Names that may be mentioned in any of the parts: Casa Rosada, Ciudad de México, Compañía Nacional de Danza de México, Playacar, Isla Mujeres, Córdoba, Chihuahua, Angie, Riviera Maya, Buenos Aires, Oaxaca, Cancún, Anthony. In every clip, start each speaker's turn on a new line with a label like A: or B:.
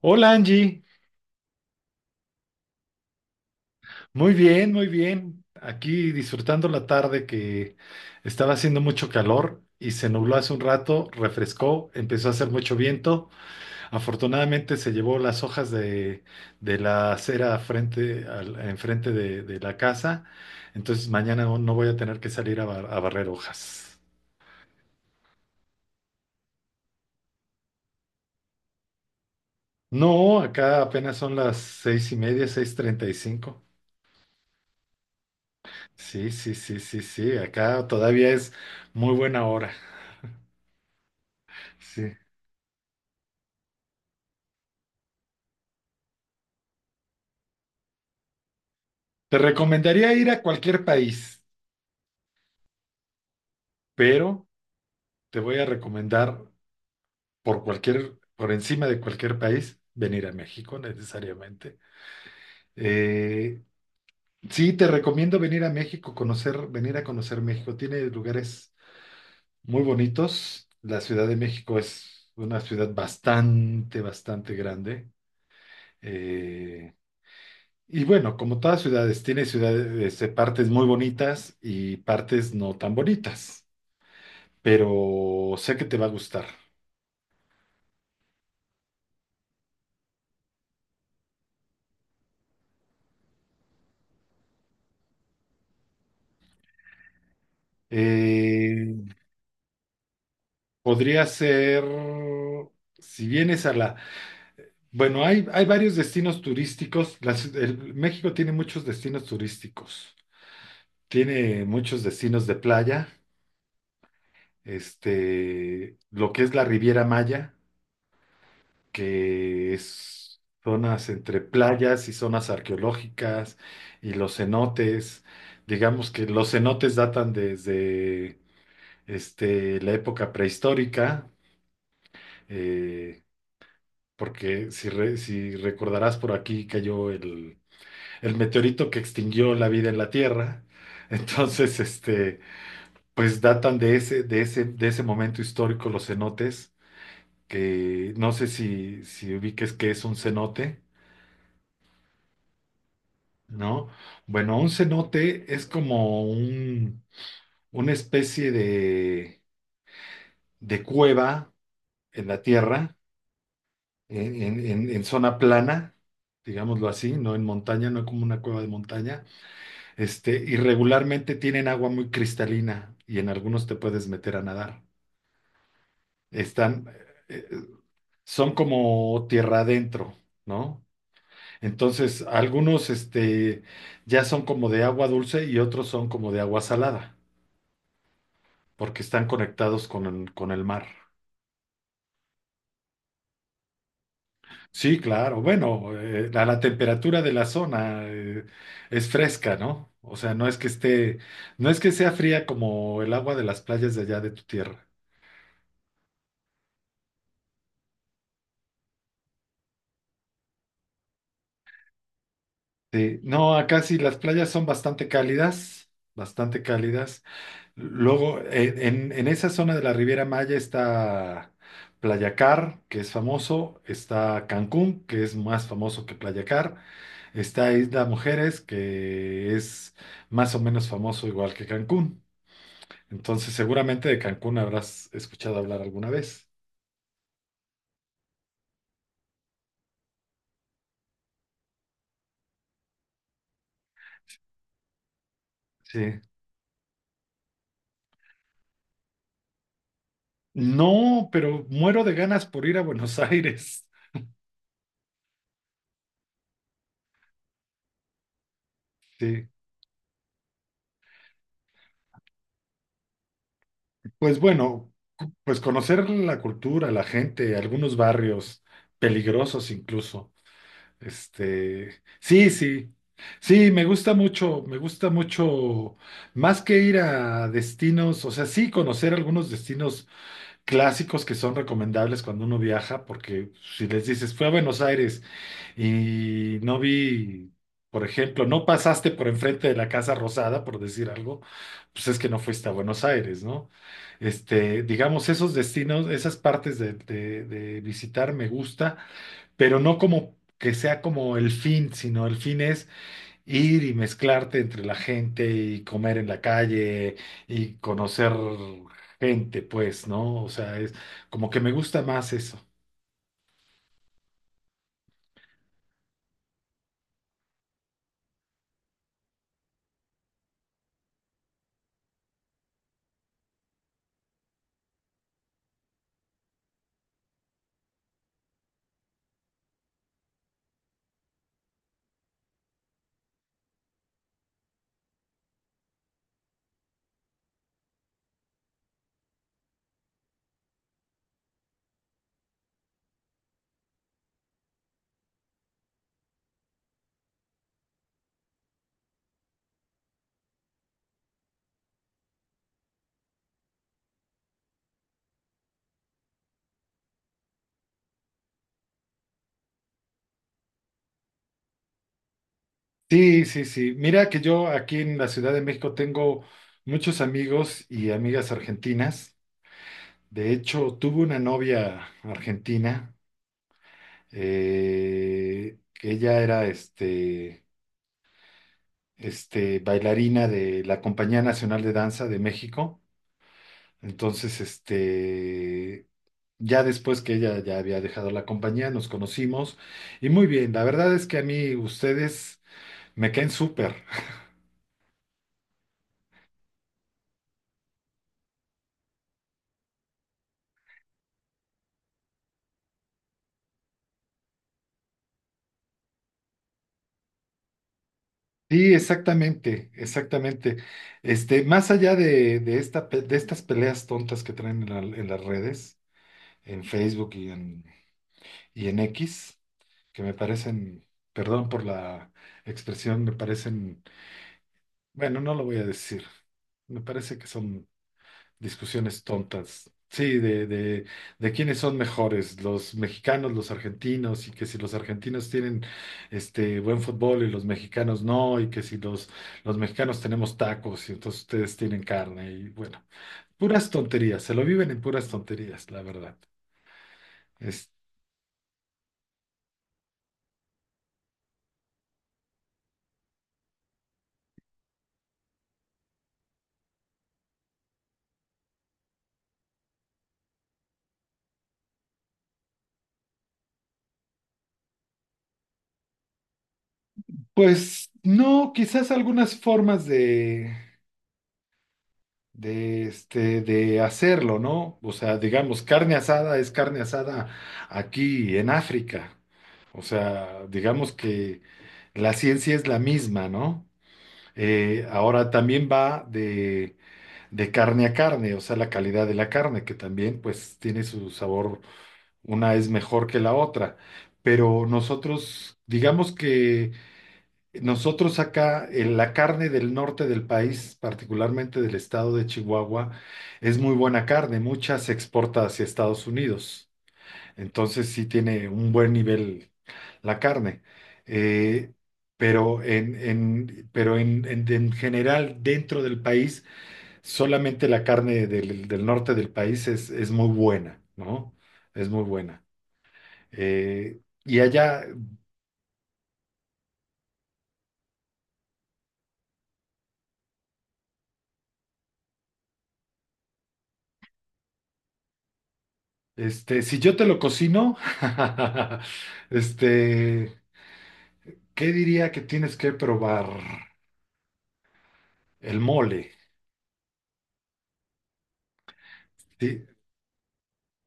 A: Hola Angie, muy bien, muy bien. Aquí disfrutando la tarde, que estaba haciendo mucho calor y se nubló hace un rato, refrescó, empezó a hacer mucho viento. Afortunadamente se llevó las hojas de la acera enfrente de la casa, entonces mañana no voy a tener que salir a barrer hojas. No, acá apenas son las 6:30, 6:35. Sí, sí, sí, sí, sí, acá todavía es muy buena hora. Sí. Te recomendaría ir a cualquier país, pero te voy a recomendar, por encima de cualquier país, venir a México necesariamente. Eh, sí, te recomiendo venir a México, conocer, venir a conocer México. Tiene lugares muy bonitos. La Ciudad de México es una ciudad bastante, bastante grande. Eh, y bueno, como todas ciudades, tiene ciudades, partes muy bonitas y partes no tan bonitas, pero sé que te va a gustar. Eh, Podría ser, si vienes a la. Bueno, hay varios destinos turísticos. México tiene muchos destinos turísticos. Tiene muchos destinos de playa. Lo que es la Riviera Maya, que es zonas entre playas y zonas arqueológicas y los cenotes. Digamos que los cenotes datan desde, la época prehistórica. eh, Porque si recordarás, por aquí cayó el meteorito que extinguió la vida en la Tierra. Entonces, pues datan de ese momento histórico, los cenotes, que no sé si ubiques qué es un cenote, ¿no? Bueno, un cenote es como una especie de cueva en la Tierra, en zona plana, digámoslo así, no en montaña, no como una cueva de montaña. Y regularmente tienen agua muy cristalina, y en algunos te puedes meter a nadar. Están, eh, eh, Son como tierra adentro, ¿no? Entonces, algunos, ya son como de agua dulce y otros son como de agua salada, porque están conectados con el mar. Sí, claro. Bueno, a la temperatura de la zona, es fresca, ¿no? O sea, no es que sea fría como el agua de las playas de allá de tu tierra. Sí, no, acá sí las playas son bastante cálidas, bastante cálidas. Luego, en, esa zona de la Riviera Maya está Playacar, que es famoso, está Cancún, que es más famoso que Playacar, está Isla Mujeres, que es más o menos famoso igual que Cancún. Entonces, seguramente de Cancún habrás escuchado hablar alguna vez. Sí. No, pero muero de ganas por ir a Buenos Aires. Sí. Pues bueno, pues conocer la cultura, la gente, algunos barrios peligrosos incluso. Sí, sí. Sí, me gusta mucho más que ir a destinos. O sea, sí, conocer algunos destinos clásicos que son recomendables cuando uno viaja, porque si les dices, fue a Buenos Aires y no vi, por ejemplo, no pasaste por enfrente de la Casa Rosada, por decir algo, pues es que no fuiste a Buenos Aires, ¿no? Digamos, esos destinos, esas partes de visitar me gusta, pero no como que sea como el fin, sino el fin es ir y mezclarte entre la gente y comer en la calle y conocer gente, pues, ¿no? O sea, es como que me gusta más eso. Sí, sí, sí. Mira que yo, aquí en la Ciudad de México, tengo muchos amigos y amigas argentinas. De hecho, tuve una novia argentina, que ella era, bailarina de la Compañía Nacional de Danza de México. Entonces, ya después que ella ya había dejado la compañía, nos conocimos y muy bien. La verdad es que a mí ustedes me caen súper. Sí, exactamente, exactamente. Más allá de estas peleas tontas que traen en las redes, en Facebook y en X, que me parecen, perdón por la expresión, me parecen, bueno, no lo voy a decir, me parece que son discusiones tontas. Sí, de quiénes son mejores, los mexicanos, los argentinos, y que si los argentinos tienen buen fútbol y los mexicanos no, y que si los, mexicanos tenemos tacos y entonces ustedes tienen carne, y bueno, puras tonterías, se lo viven en puras tonterías, la verdad. Es- pues no, quizás algunas formas de hacerlo, ¿no? O sea, digamos, carne asada es carne asada aquí en África. O sea, digamos que la ciencia es la misma, ¿no? Ahora también va de carne a carne, o sea, la calidad de la carne, que también pues tiene su sabor, una es mejor que la otra. Pero nosotros, digamos que nosotros acá, en la carne del norte del país, particularmente del estado de Chihuahua, es muy buena carne, mucha se exporta hacia Estados Unidos. Entonces sí tiene un buen nivel la carne. Eh, pero en general, dentro del país, solamente la carne del norte del país es muy buena, ¿no? Es muy buena. Y allá. Si yo te lo cocino, este, ¿qué diría que tienes que probar? El mole, ¿sí?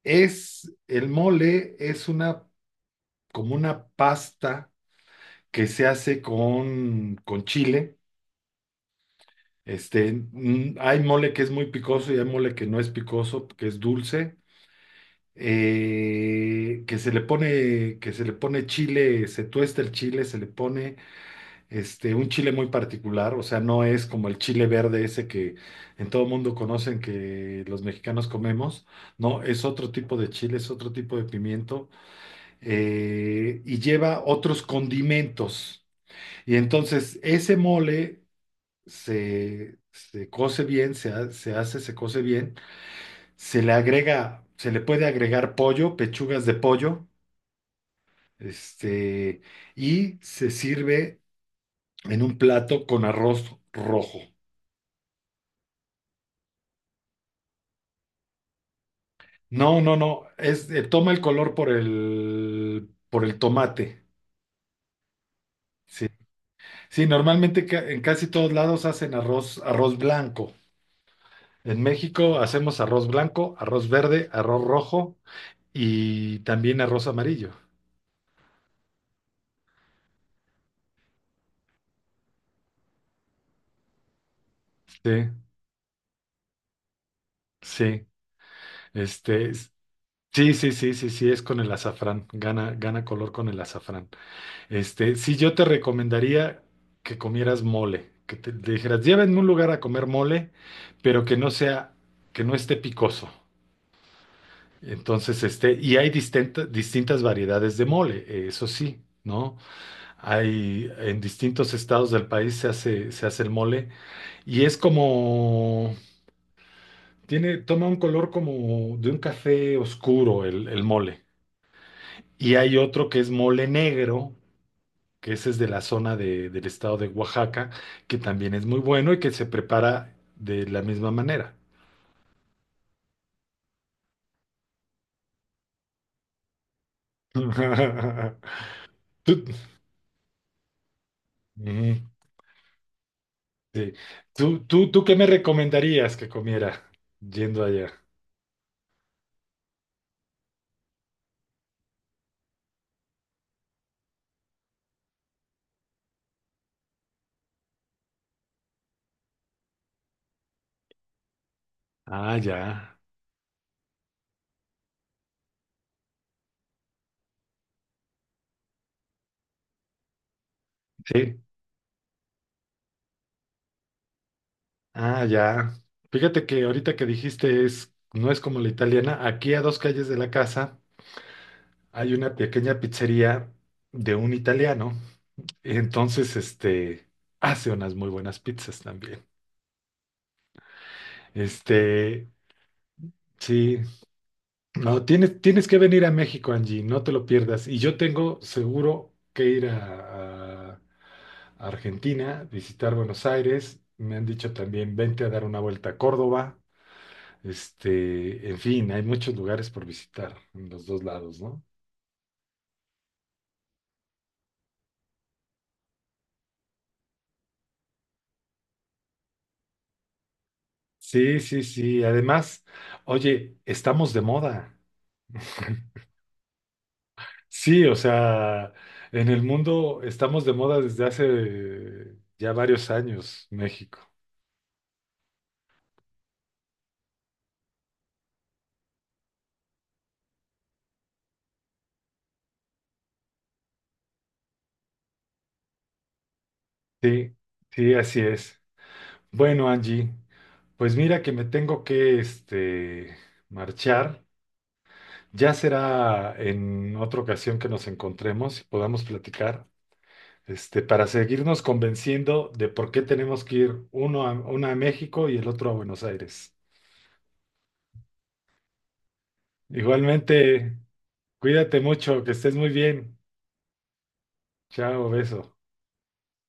A: El mole es como una pasta que se hace con chile. Hay mole que es muy picoso y hay mole que no es picoso, que es dulce. Eh, que se le pone, que se le pone chile, se tuesta el chile, se le pone, un chile muy particular. O sea, no es como el chile verde ese que en todo mundo conocen que los mexicanos comemos. No, es otro tipo de chile, es otro tipo de pimiento, y lleva otros condimentos. Y entonces ese mole se coce bien, se hace, se coce bien, se le puede agregar pollo, pechugas de pollo, este, y se sirve en un plato con arroz rojo. No, no, no. Toma el color por el tomate. Sí, sí, normalmente, en casi todos lados hacen arroz, blanco. En México hacemos arroz blanco, arroz verde, arroz rojo y también arroz amarillo. Sí, sí. Este, es- sí, sí, sí, sí, sí, es con el azafrán. Gana, gana color con el azafrán. Sí, yo te recomendaría que comieras mole, que te dijeras, llévenme a un lugar a comer mole, pero que no esté picoso. Entonces, y hay distintas variedades de mole, eso sí, ¿no? En distintos estados del país se hace, el mole, y toma un color como de un café oscuro, el mole. Y hay otro que es mole negro, que ese es de la zona del estado de Oaxaca, que también es muy bueno y que se prepara de la misma manera. Tú, ujú, sí. ¿Tú qué me recomendarías que comiera yendo allá? Ah, ya. Sí. Ah, ya. Fíjate que ahorita que dijiste, no es como la italiana. Aquí, a dos calles de la casa, hay una pequeña pizzería de un italiano. Entonces, hace unas muy buenas pizzas también. Este, Sí, no, tienes que venir a México, Angie, no te lo pierdas. Y yo tengo seguro que ir a, a Argentina, visitar Buenos Aires. Me han dicho también, vente a dar una vuelta a Córdoba. En fin, hay muchos lugares por visitar en los dos lados, ¿no? Sí, sí, sí. Además, oye, estamos de moda. Sí, o sea, en el mundo estamos de moda desde hace ya varios años, México. Sí, sí, así es. Bueno, Angie, pues mira que me tengo que, marchar. Ya será en otra ocasión que nos encontremos y podamos platicar, para seguirnos convenciendo de por qué tenemos que ir uno a México y el otro a Buenos Aires. Igualmente, cuídate mucho, que estés muy bien. Chao, beso.